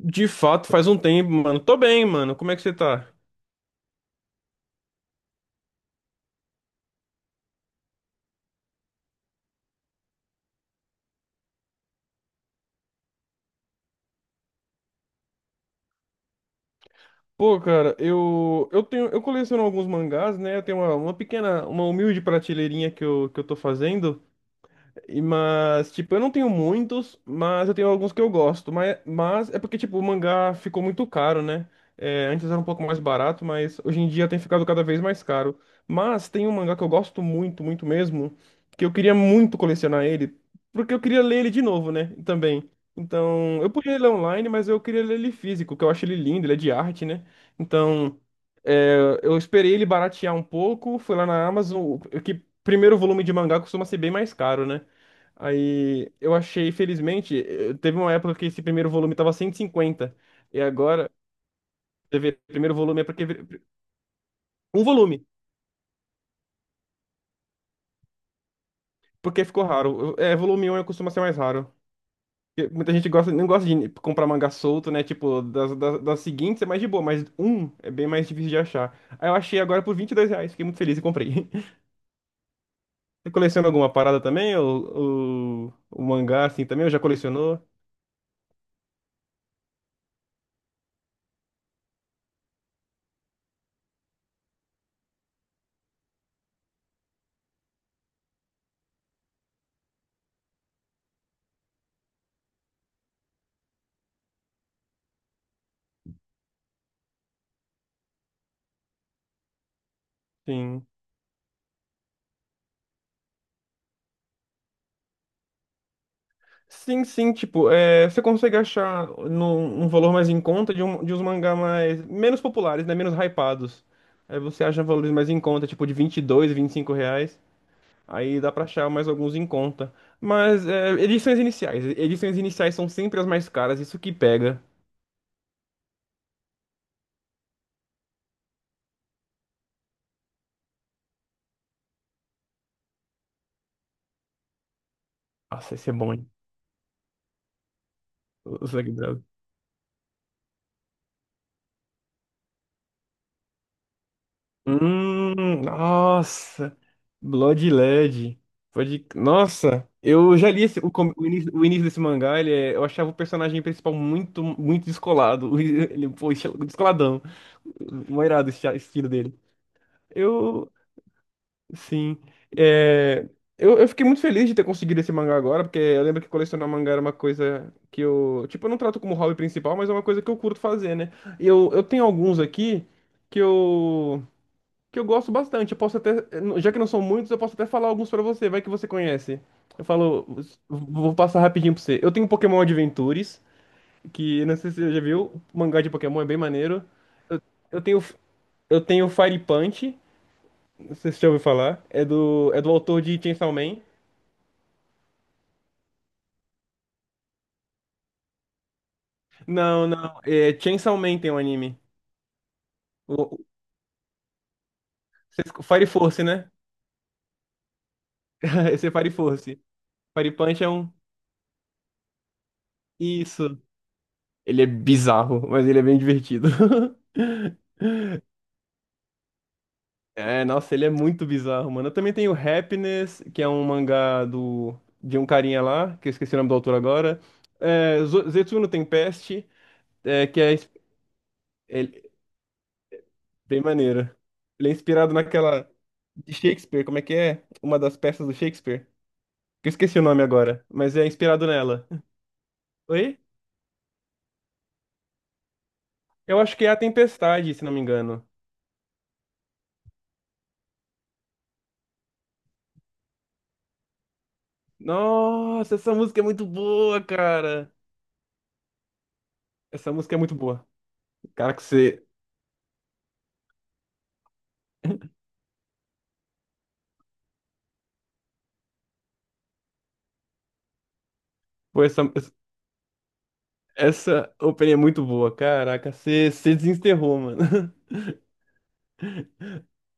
De fato, faz um tempo, mano. Tô bem, mano. Como é que você tá? Pô, cara, eu coleciono alguns mangás, né? Eu tenho uma pequena, uma humilde prateleirinha que eu tô fazendo. Mas, tipo, eu não tenho muitos, mas eu tenho alguns que eu gosto. Mas é porque, tipo, o mangá ficou muito caro, né? É, antes era um pouco mais barato, mas hoje em dia tem ficado cada vez mais caro. Mas tem um mangá que eu gosto muito, muito mesmo, que eu queria muito colecionar ele, porque eu queria ler ele de novo, né? Também. Então, eu podia ler online, mas eu queria ler ele físico, que eu acho ele lindo, ele é de arte, né? Então, é, eu esperei ele baratear um pouco, fui lá na Amazon, que primeiro volume de mangá costuma ser bem mais caro, né? Aí eu achei, felizmente, teve uma época que esse primeiro volume tava 150 e agora, teve primeiro volume é porque. Um volume, porque ficou raro. É, volume 1 costuma ser mais raro. Porque Muita gente gosta, não gosta de comprar mangá solto, né? Tipo, das seguintes é mais de boa, mas um é bem mais difícil de achar. Aí eu achei agora por R$ 22, fiquei muito feliz e comprei. Você coleciona alguma parada também? O mangá assim também? Ou já colecionou? Sim. Sim, sim, tipo, é, você consegue achar um valor mais em conta de, um, de uns mangá mais, menos populares, né, menos hypados. Aí você acha valores mais em conta, tipo de 20, 22, 25 reais, aí dá pra achar mais alguns em conta. Mas é, edições iniciais são sempre as mais caras, isso que pega. Nossa, esse é bom, hein? Os nossa, Blood Led. Pode... Nossa, eu já li o início desse mangá, eu achava o personagem principal muito, muito descolado. Ele, pô, descoladão. Moirado esse estilo dele. Eu, sim. É, eu fiquei muito feliz de ter conseguido esse mangá agora, porque eu lembro que colecionar mangá era uma coisa que eu. Tipo, eu não trato como hobby principal, mas é uma coisa que eu curto fazer, né? E eu tenho alguns aqui que eu que eu gosto bastante. Eu posso até, já que não são muitos, eu posso até falar alguns pra você, vai que você conhece. Eu falo, vou passar rapidinho pra você. Eu tenho Pokémon Adventures, que não sei se você já viu, o mangá de Pokémon é bem maneiro. Eu, eu tenho eu tenho Fire Punch, não sei se você já ouviu falar, é do autor de Chainsaw Man. Não, não, é Chainsaw Man tem um anime. O, o- Fire Force, né? Esse é Fire Force. Fire Punch é isso. Ele é bizarro, mas ele é bem divertido. É, nossa, ele é muito bizarro, mano. Eu também tenho Happiness, que é um mangá de um carinha lá, que eu esqueci o nome do autor agora. É, Zetsu tem Peste, é, que é, ele- bem maneiro. Ele é inspirado naquela de Shakespeare, como é que é? Uma das peças do Shakespeare. Que eu esqueci o nome agora, mas é inspirado nela. Oi? Eu acho que é A Tempestade, se não me engano. Nossa, essa música é muito boa, cara. Essa música é muito boa. Cara, que você. Pô, essa, Essa open é muito boa, caraca, você desenterrou, mano.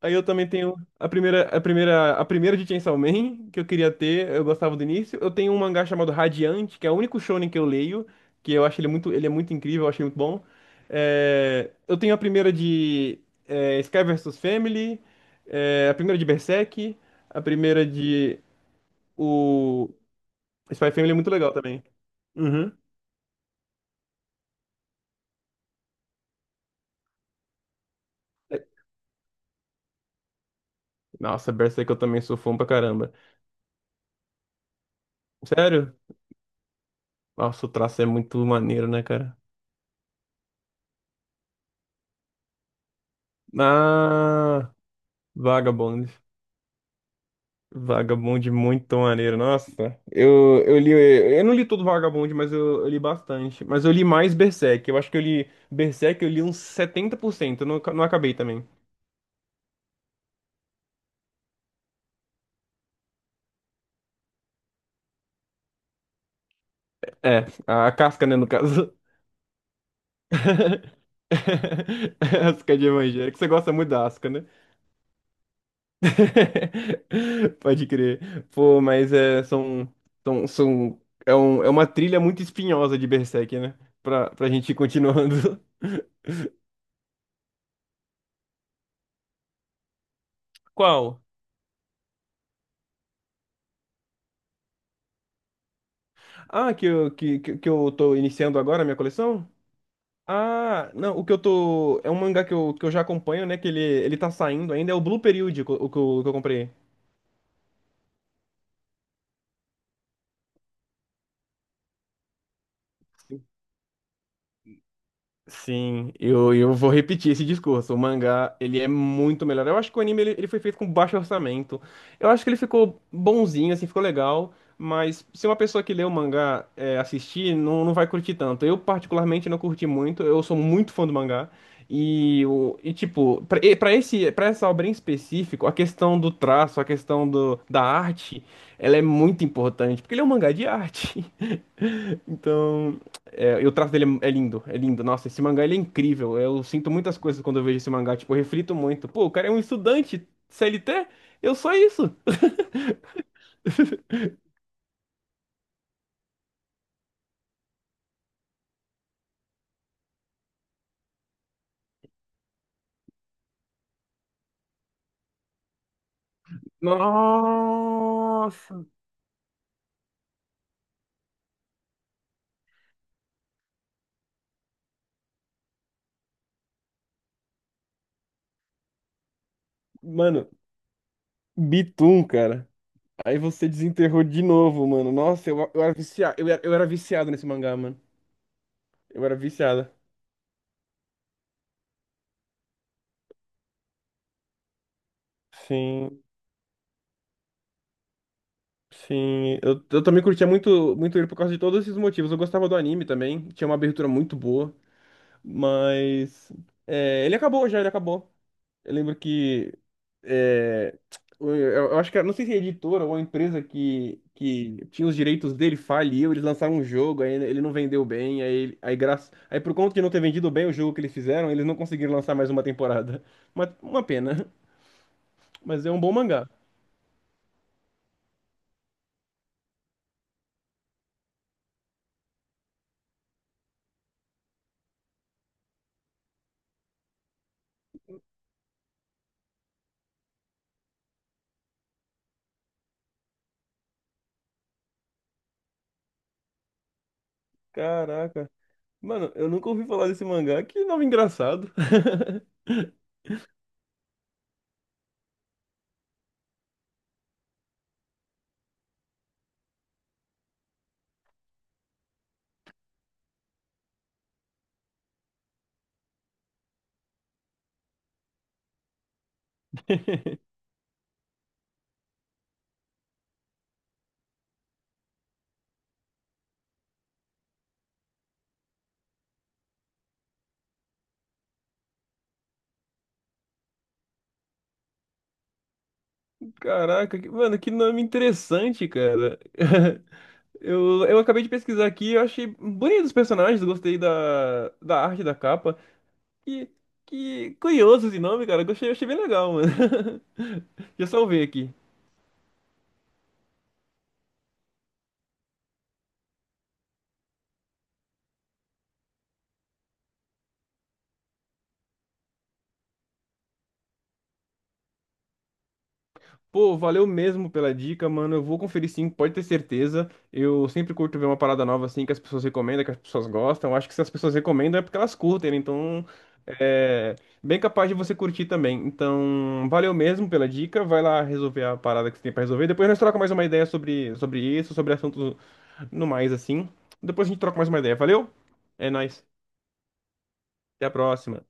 Aí eu também tenho a primeira de Chainsaw Man que eu queria ter, eu gostava do início. Eu tenho um mangá chamado Radiante, que é o único shonen que eu leio, que eu acho ele muito, ele é muito incrível, eu achei muito bom. É, eu tenho a primeira de é, Sky versus Family, é, a primeira de Berserk, a primeira de o Spy Family é muito legal também. Uhum. É, nossa, Berserk eu também sou fã pra caramba. Sério? Nossa, o traço é muito maneiro, né, cara? Ah, Vagabond. Vagabond muito maneiro. Nossa, eu li. Eu não li todo Vagabond, mas eu li bastante. Mas eu li mais Berserk. Eu acho que eu li Berserk, eu li uns 70%. Eu não, não acabei também. É, a casca, né, no caso. Asca de evangélico. Você gosta muito da Asca, né? Pode crer. Pô, mas é, são, são, é, um, é uma trilha muito espinhosa de Berserk, né? Pra gente ir continuando. Qual? Ah, que eu, que eu tô iniciando agora a minha coleção? Ah, não, o que eu tô. É um mangá que eu já acompanho, né? Que ele tá saindo ainda, é o Blue Period, que eu comprei. Sim, eu vou repetir esse discurso. O mangá, ele é muito melhor. Eu acho que o anime, ele foi feito com baixo orçamento. Eu acho que ele ficou bonzinho, assim, ficou legal. Mas se uma pessoa que lê o mangá é, assistir, não, não vai curtir tanto. Eu, particularmente, não curti muito. Eu sou muito fã do mangá. E, o, e tipo, pra, e pra esse, pra essa obra em específico, a questão do traço, a questão do, da arte, ela é muito importante. Porque ele é um mangá de arte. Então, é, e o traço dele é lindo, é lindo. Nossa, esse mangá ele é incrível. Eu sinto muitas coisas quando eu vejo esse mangá, tipo, eu reflito muito. Pô, o cara é um estudante C L T Eu sou isso. Nossa! Mano, Bitum, cara. Aí você desenterrou de novo, mano. Nossa, eu era viciado nesse mangá, mano. Eu era viciado. Sim, sim. Eu também curtia muito, muito ele por causa de todos esses motivos. Eu gostava do anime também. Tinha uma abertura muito boa. Mas é, ele acabou já, ele acabou. Eu lembro que é, eu acho não sei se a editora ou a empresa que tinha os direitos dele faliu, eles lançaram um jogo, aí ele não vendeu bem, aí, graça, aí por conta de não ter vendido bem o jogo que eles fizeram, eles não conseguiram lançar mais uma temporada. Uma pena, mas é um bom mangá. Caraca. Mano, eu nunca ouvi falar desse mangá, que nome engraçado. Caraca, mano, que nome interessante, cara. Eu acabei de pesquisar aqui, eu achei bonito os personagens, gostei da arte da capa. Que, que curioso esse nome, cara. Gostei, achei bem legal, mano. Já salvei aqui. Pô, valeu mesmo pela dica, mano. Eu vou conferir sim, pode ter certeza. Eu sempre curto ver uma parada nova assim que as pessoas recomendam, que as pessoas gostam. Eu acho que se as pessoas recomendam é porque elas curtem, né? Então é bem capaz de você curtir também. Então, valeu mesmo pela dica. Vai lá resolver a parada que você tem pra resolver. Depois nós trocamos mais uma ideia sobre isso, sobre assuntos No mais, assim. Depois a gente troca mais uma ideia. Valeu? É nóis. Até a próxima.